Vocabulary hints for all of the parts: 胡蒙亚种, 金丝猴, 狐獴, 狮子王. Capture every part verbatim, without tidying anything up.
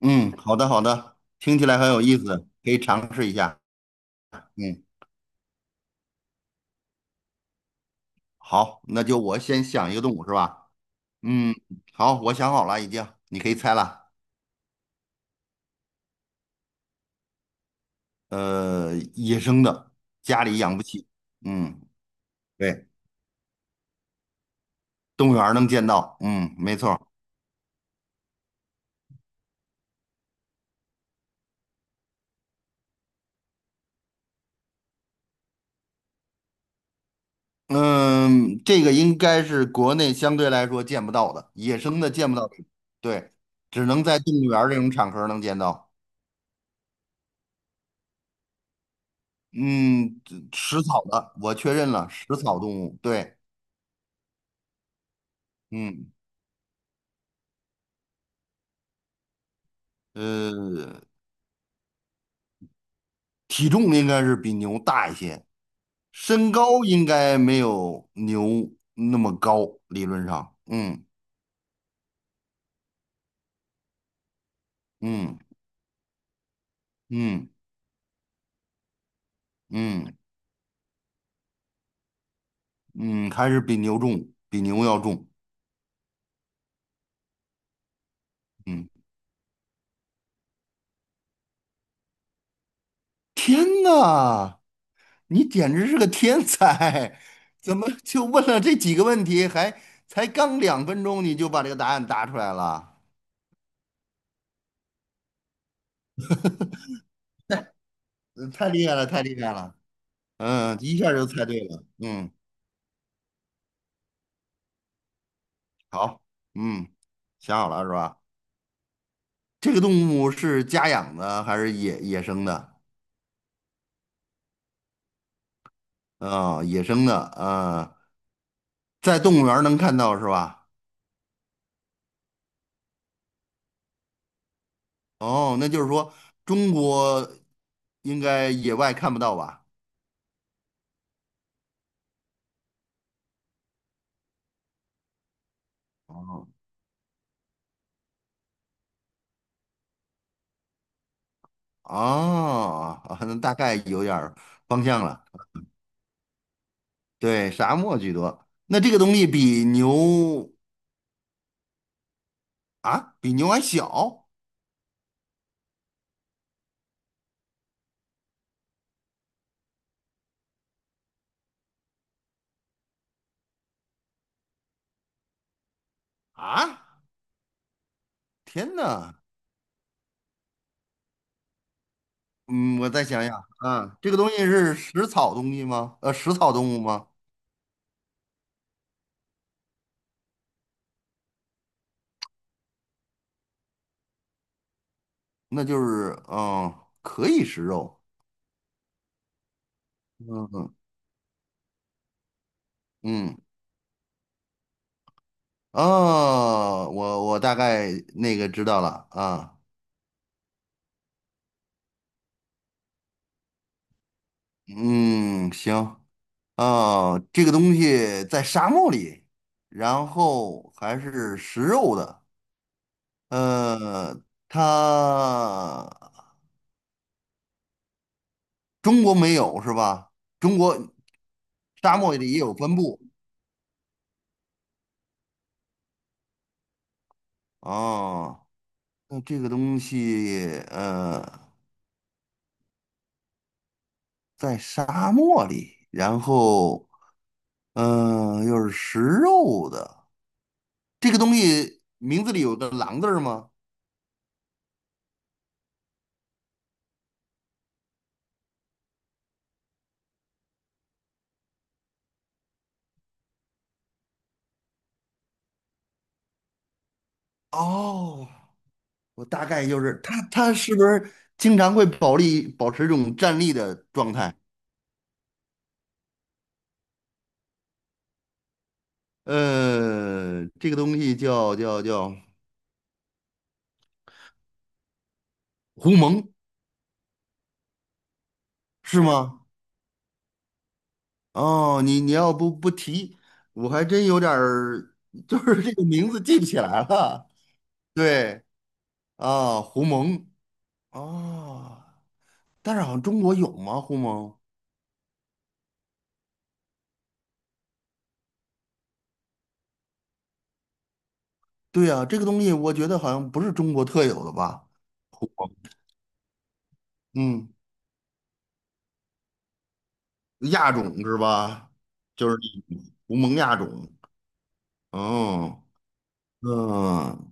嗯，好的好的，听起来很有意思，可以尝试一下。嗯，好，那就我先想一个动物是吧？嗯，好，我想好了已经，你可以猜了。呃，野生的，家里养不起。嗯，对，动物园儿能见到。嗯，没错儿。嗯，这个应该是国内相对来说见不到的，野生的见不到的。对，只能在动物园儿这种场合能见到。嗯，食草的，我确认了，食草动物。对，嗯。呃，体重应该是比牛大一些，身高应该没有牛那么高，理论上，嗯。嗯嗯嗯嗯，还是比牛重，比牛要重。嗯，天呐，你简直是个天才，怎么就问了这几个问题，还才刚两分钟你就把这个答案答出来了，呃太厉害了，太厉害了，嗯，一下就猜对了，嗯，好，嗯，想好了是吧？这个动物是家养的还是野野生的？啊、野生的啊、在动物园儿能看到是吧？哦，那就是说中国应该野外看不到吧？哦，哦，啊那大概有点儿方向了。对，沙漠居多。那这个东西比牛啊，比牛还小。啊！天呐，嗯，我再想想啊，这个东西是食草东西吗？呃，食草动物吗？那就是嗯，可以食肉，嗯，嗯。哦，我我大概那个知道了啊，嗯，行。哦，这个东西在沙漠里，然后还是食肉的，呃，它中国没有是吧？中国沙漠里也有分布。哦，那这个东西呃，在沙漠里，然后嗯，又是食肉的，这个东西名字里有个狼字儿吗？哦，我大概就是它，它是不是经常会保利保持这种站立的状态？呃，这个东西叫叫叫狐獴。是吗？哦，你你要不不提，我还真有点儿，就是这个名字记不起来了。对啊，狐獴啊，但是好像中国有吗？狐獴？对呀，这个东西我觉得好像不是中国特有的吧？嗯，亚种是吧？就是胡蒙亚种。哦，嗯，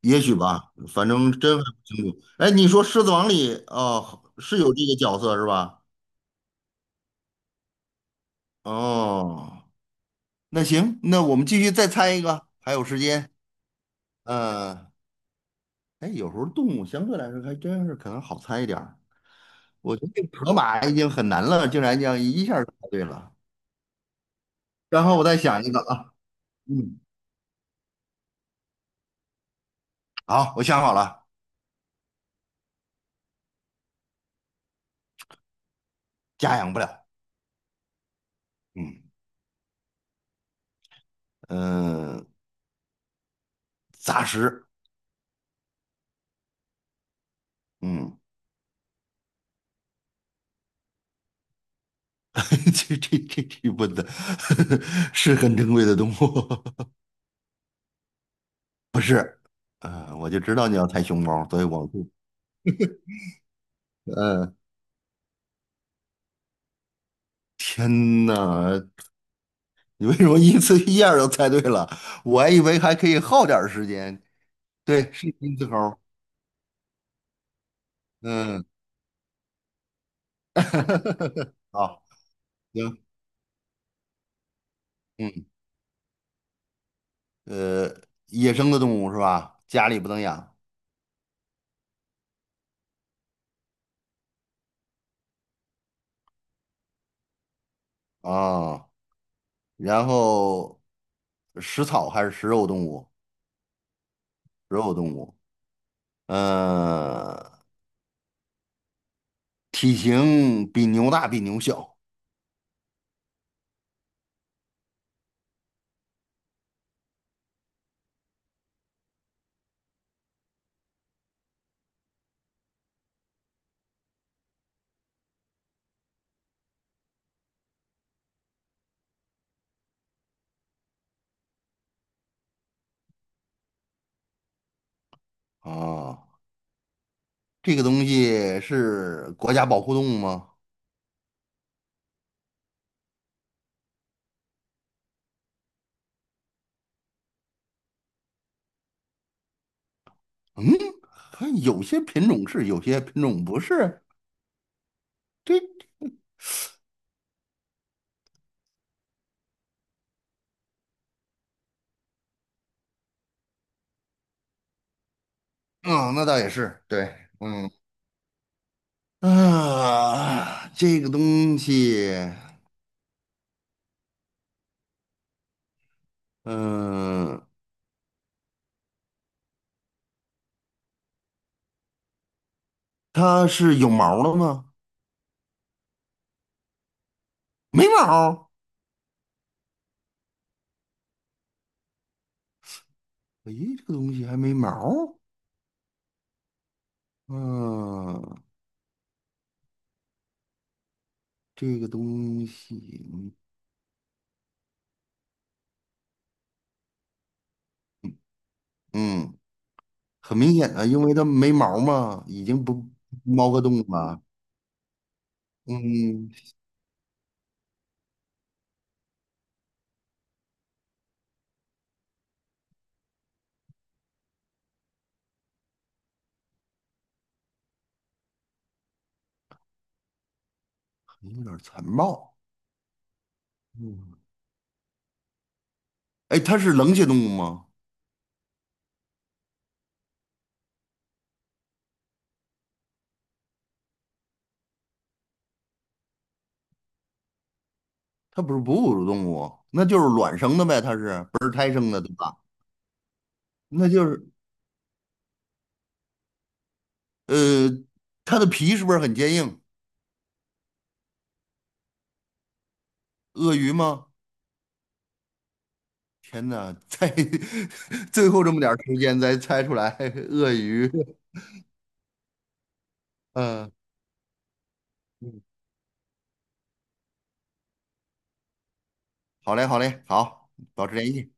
也许吧，反正真还不清楚。哎，你说《狮子王》里哦是有这个角色是吧？哦，那行，那我们继续再猜一个，还有时间。嗯，哎，有时候动物相对来说还真是可能好猜一点儿。我觉得这个河马已经很难了，竟然这样一下就猜对了。然后我再想一个啊，嗯。好，我想好了，家养不了。嗯。嗯、呃杂食。嗯，这这这这蚊子 是很珍贵的动物，不是？呃，我就知道你要猜熊猫，所以我不。嗯、天呐，你为什么一次一下就猜对了？我还以为还可以耗点儿时间。对，是金丝猴儿。嗯，好，行，嗯，呃，野生的动物是吧？家里不能养啊。哦，然后食草还是食肉动物？食肉动物，呃，体型比牛大，比牛小啊。这个东西是国家保护动物吗？嗯，还有些品种是，有些品种不是。这，啊，那倒也是，对，嗯，啊，这个东西，嗯、它是有毛儿的吗？没毛儿。诶，这个东西还没毛儿。嗯，这个东西，嗯，很明显啊，因为它没毛儿嘛，已经不猫个物了。嗯，有点残暴。嗯，哎，它是冷血动物吗？它不是哺乳动物，那就是卵生的呗，它是不是胎生的，对吧？那就是呃，它的皮是不是很坚硬？鳄鱼吗？天哪，在 最后这么点儿时间才猜出来鳄鱼。嗯，嗯，好嘞，好嘞，好，保持联系。